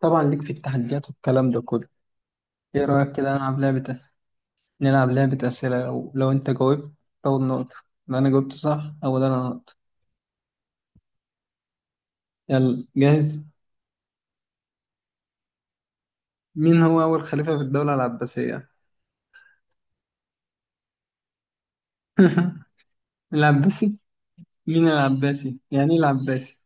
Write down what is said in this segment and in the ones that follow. طبعا ليك في التحديات والكلام ده كله. ايه رأيك كده نلعب لعبة أسئلة. لو انت جاوبت تاخد نقطة، لو انا جاوبت صح اول انا نقطة. يلا جاهز؟ مين هو أول خليفة في الدولة العباسية؟ العباسي؟ مين العباسي؟ يعني ايه العباسي؟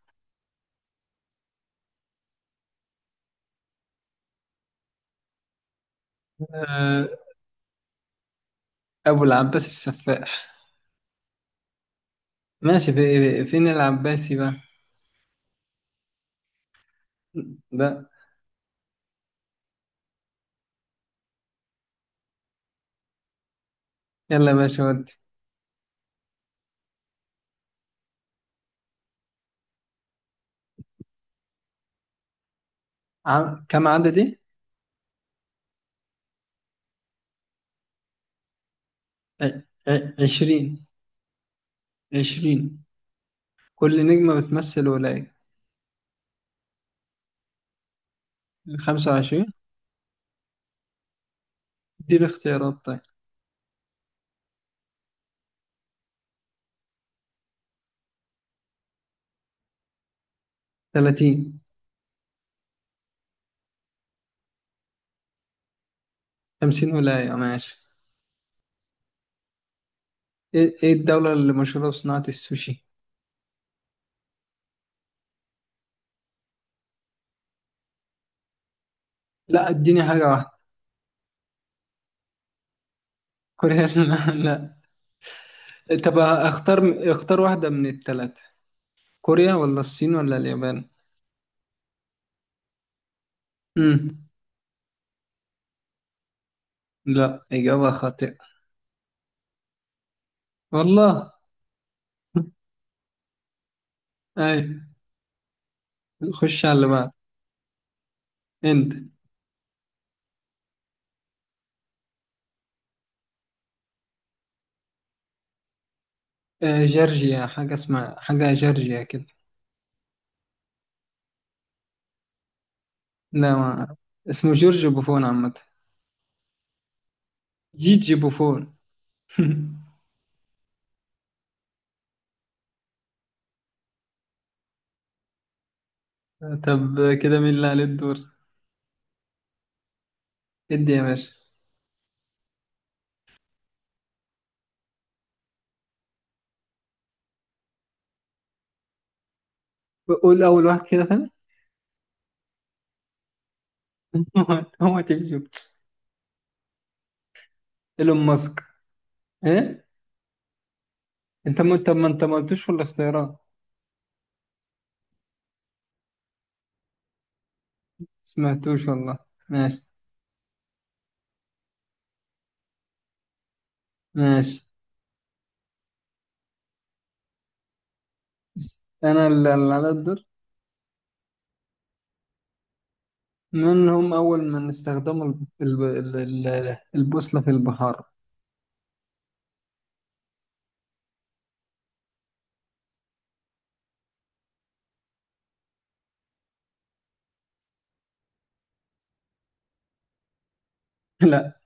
آه، أبو العباس السفاح. ماشي. في فين العباسي بقى؟ ده يلا يا باشا ودي. كم عددي؟ ع- عشرين، عشرين. كل نجمة بتمثل ولاية. خمسة وعشرين. اديني اختيارات طيب. 30. 50 ولاية ماشي. ايه الدولة اللي مشهورة بصناعة السوشي؟ لا، اديني حاجة واحدة. كوريا. لا، لا. طب اختار واحدة من التلاتة، كوريا ولا الصين ولا اليابان؟ امم لا، إجابة خاطئة. والله. اي. خش على اللي بعد. انت. جورجيا، حاجة اسمها حاجة جورجيا كده. لا، ما اسمه جورج بوفون عامة. جيجي بوفون. طب كده مين اللي عليه الدور؟ ادي يا باشا. قول اول واحد كده ثاني. هو تجيب؟ ايلون ماسك؟ ايه؟ انت ما قلتوش في الاختيارات. سمعتوش والله. ماشي، ماشي. انا اللي على الدور. من هم اول من استخدموا البوصلة في البحار؟ لا.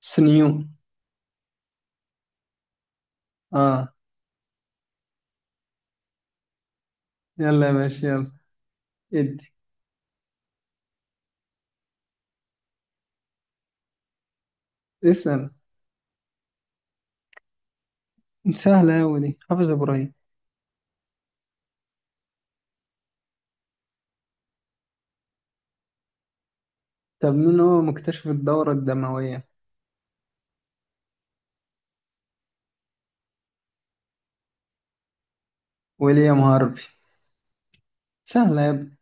سنيون. اه. يلا يا باشا يلا. ادي. اسأل. سهلة أوي دي، حافظ ابراهيم. طب مين هو مكتشف الدورة الدموية؟ ويليام هارفي. سهلة يا ابني.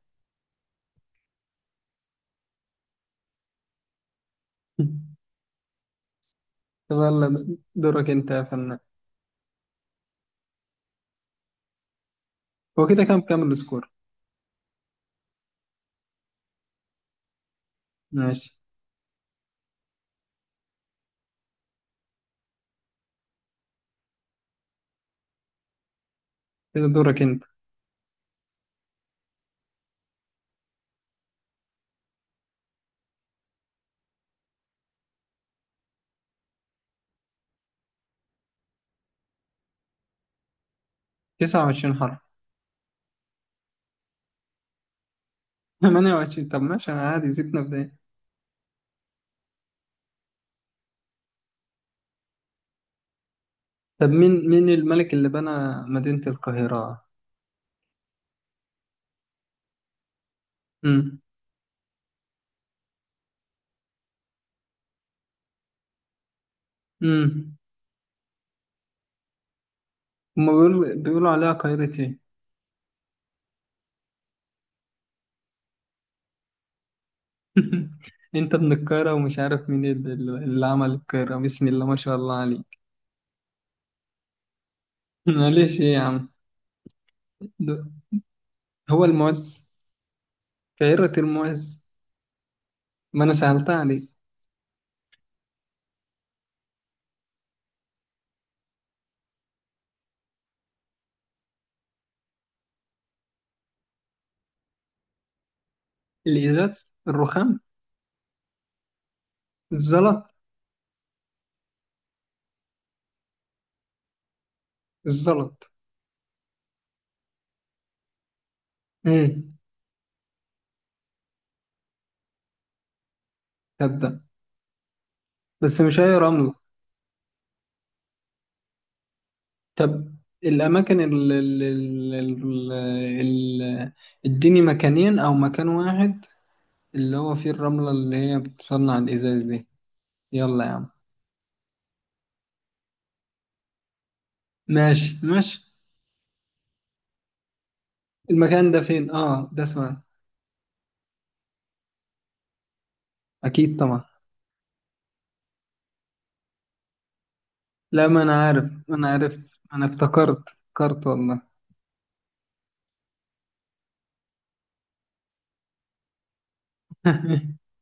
طب يلا دورك انت يا فنان. هو كده كام السكور؟ ماشي. كده دورك انت. 29 حرف. 28. طب ماشي، انا عادي سيبنا في ده. طب مين الملك اللي بنى مدينة القاهرة؟ امم امم هما بيقولوا عليها قاهرة ايه؟ انت ابن القاهرة ومش عارف مين اللي عمل القاهرة؟ بسم الله ما شاء الله عليك. معلش ايه يا عم؟ ده- هو المعز، قاهرة المعز. ما انا سهلتها عليك. الإزاز الرخام؟ الزلط. الزلط. ايه؟ طب ده بس مش اي رمل. طب الأماكن ال- اديني مكانين أو مكان واحد اللي هو فيه الرملة اللي هي بتصنع الإزاز دي. يلا يا عم. ماشي، ماشي. المكان ده فين؟ اه ده اسمه إيه؟ أكيد طبعا. لا، ما أنا عارف، ما أنا عرفت، ما أنا افتكرت والله.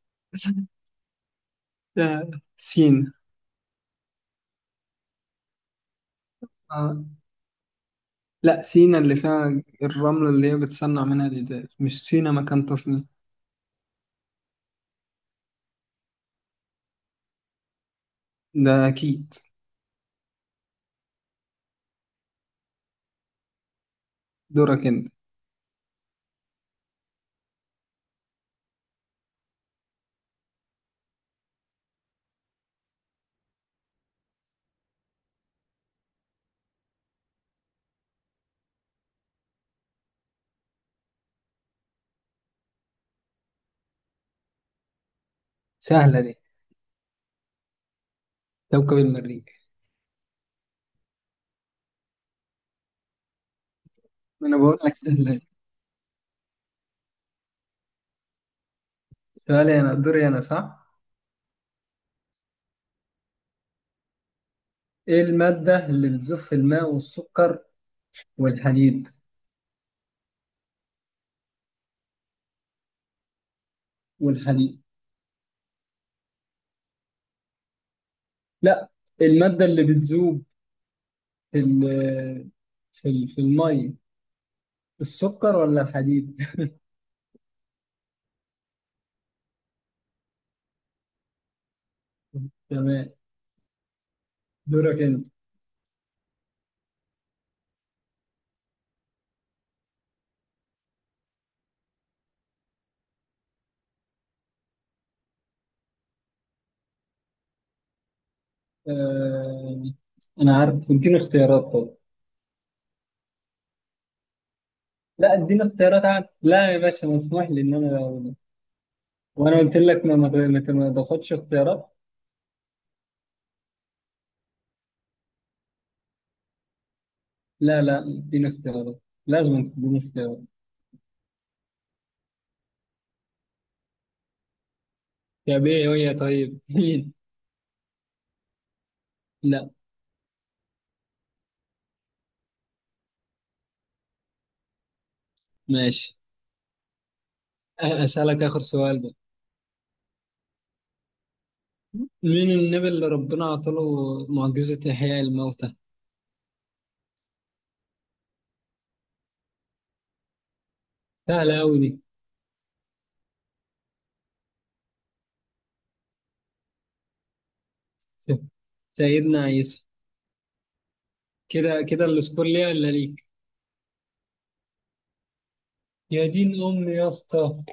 ده سينا. اه. لا، سينا اللي فيها الرملة اللي هي بتصنع منها الإزاز، مش سينا مكان تصنيع. ده أكيد. دورك أنت. سهلة دي، كوكب المريخ. انا بقول لك سؤالي انا دوري انا صح. ايه المادة اللي بتذوب في الماء والسكر والحديد؟ والحديد. لا، المادة اللي بتذوب في ال- في المي، السكر ولا الحديد؟ تمام. دورك انت. آه... انا عارف، اديني اختيارات طب. لا، اديني اختيارات عاد، لا يا باشا، مسموح لي ان انا اقول. وانا قلت لك ما تاخدش اختيارات. لا، لا، اديني اختيارات، لازم تديني اختيارات. يا بيه ويا طيب. لا. ماشي. أسألك آخر سؤال بقى. مين النبي اللي ربنا عطاله معجزة إحياء الموتى؟ سهلة أوي دي. سيدنا عيسى. كده كده السكور ليا ولا ليك؟ يا دين أمي يا اسطى.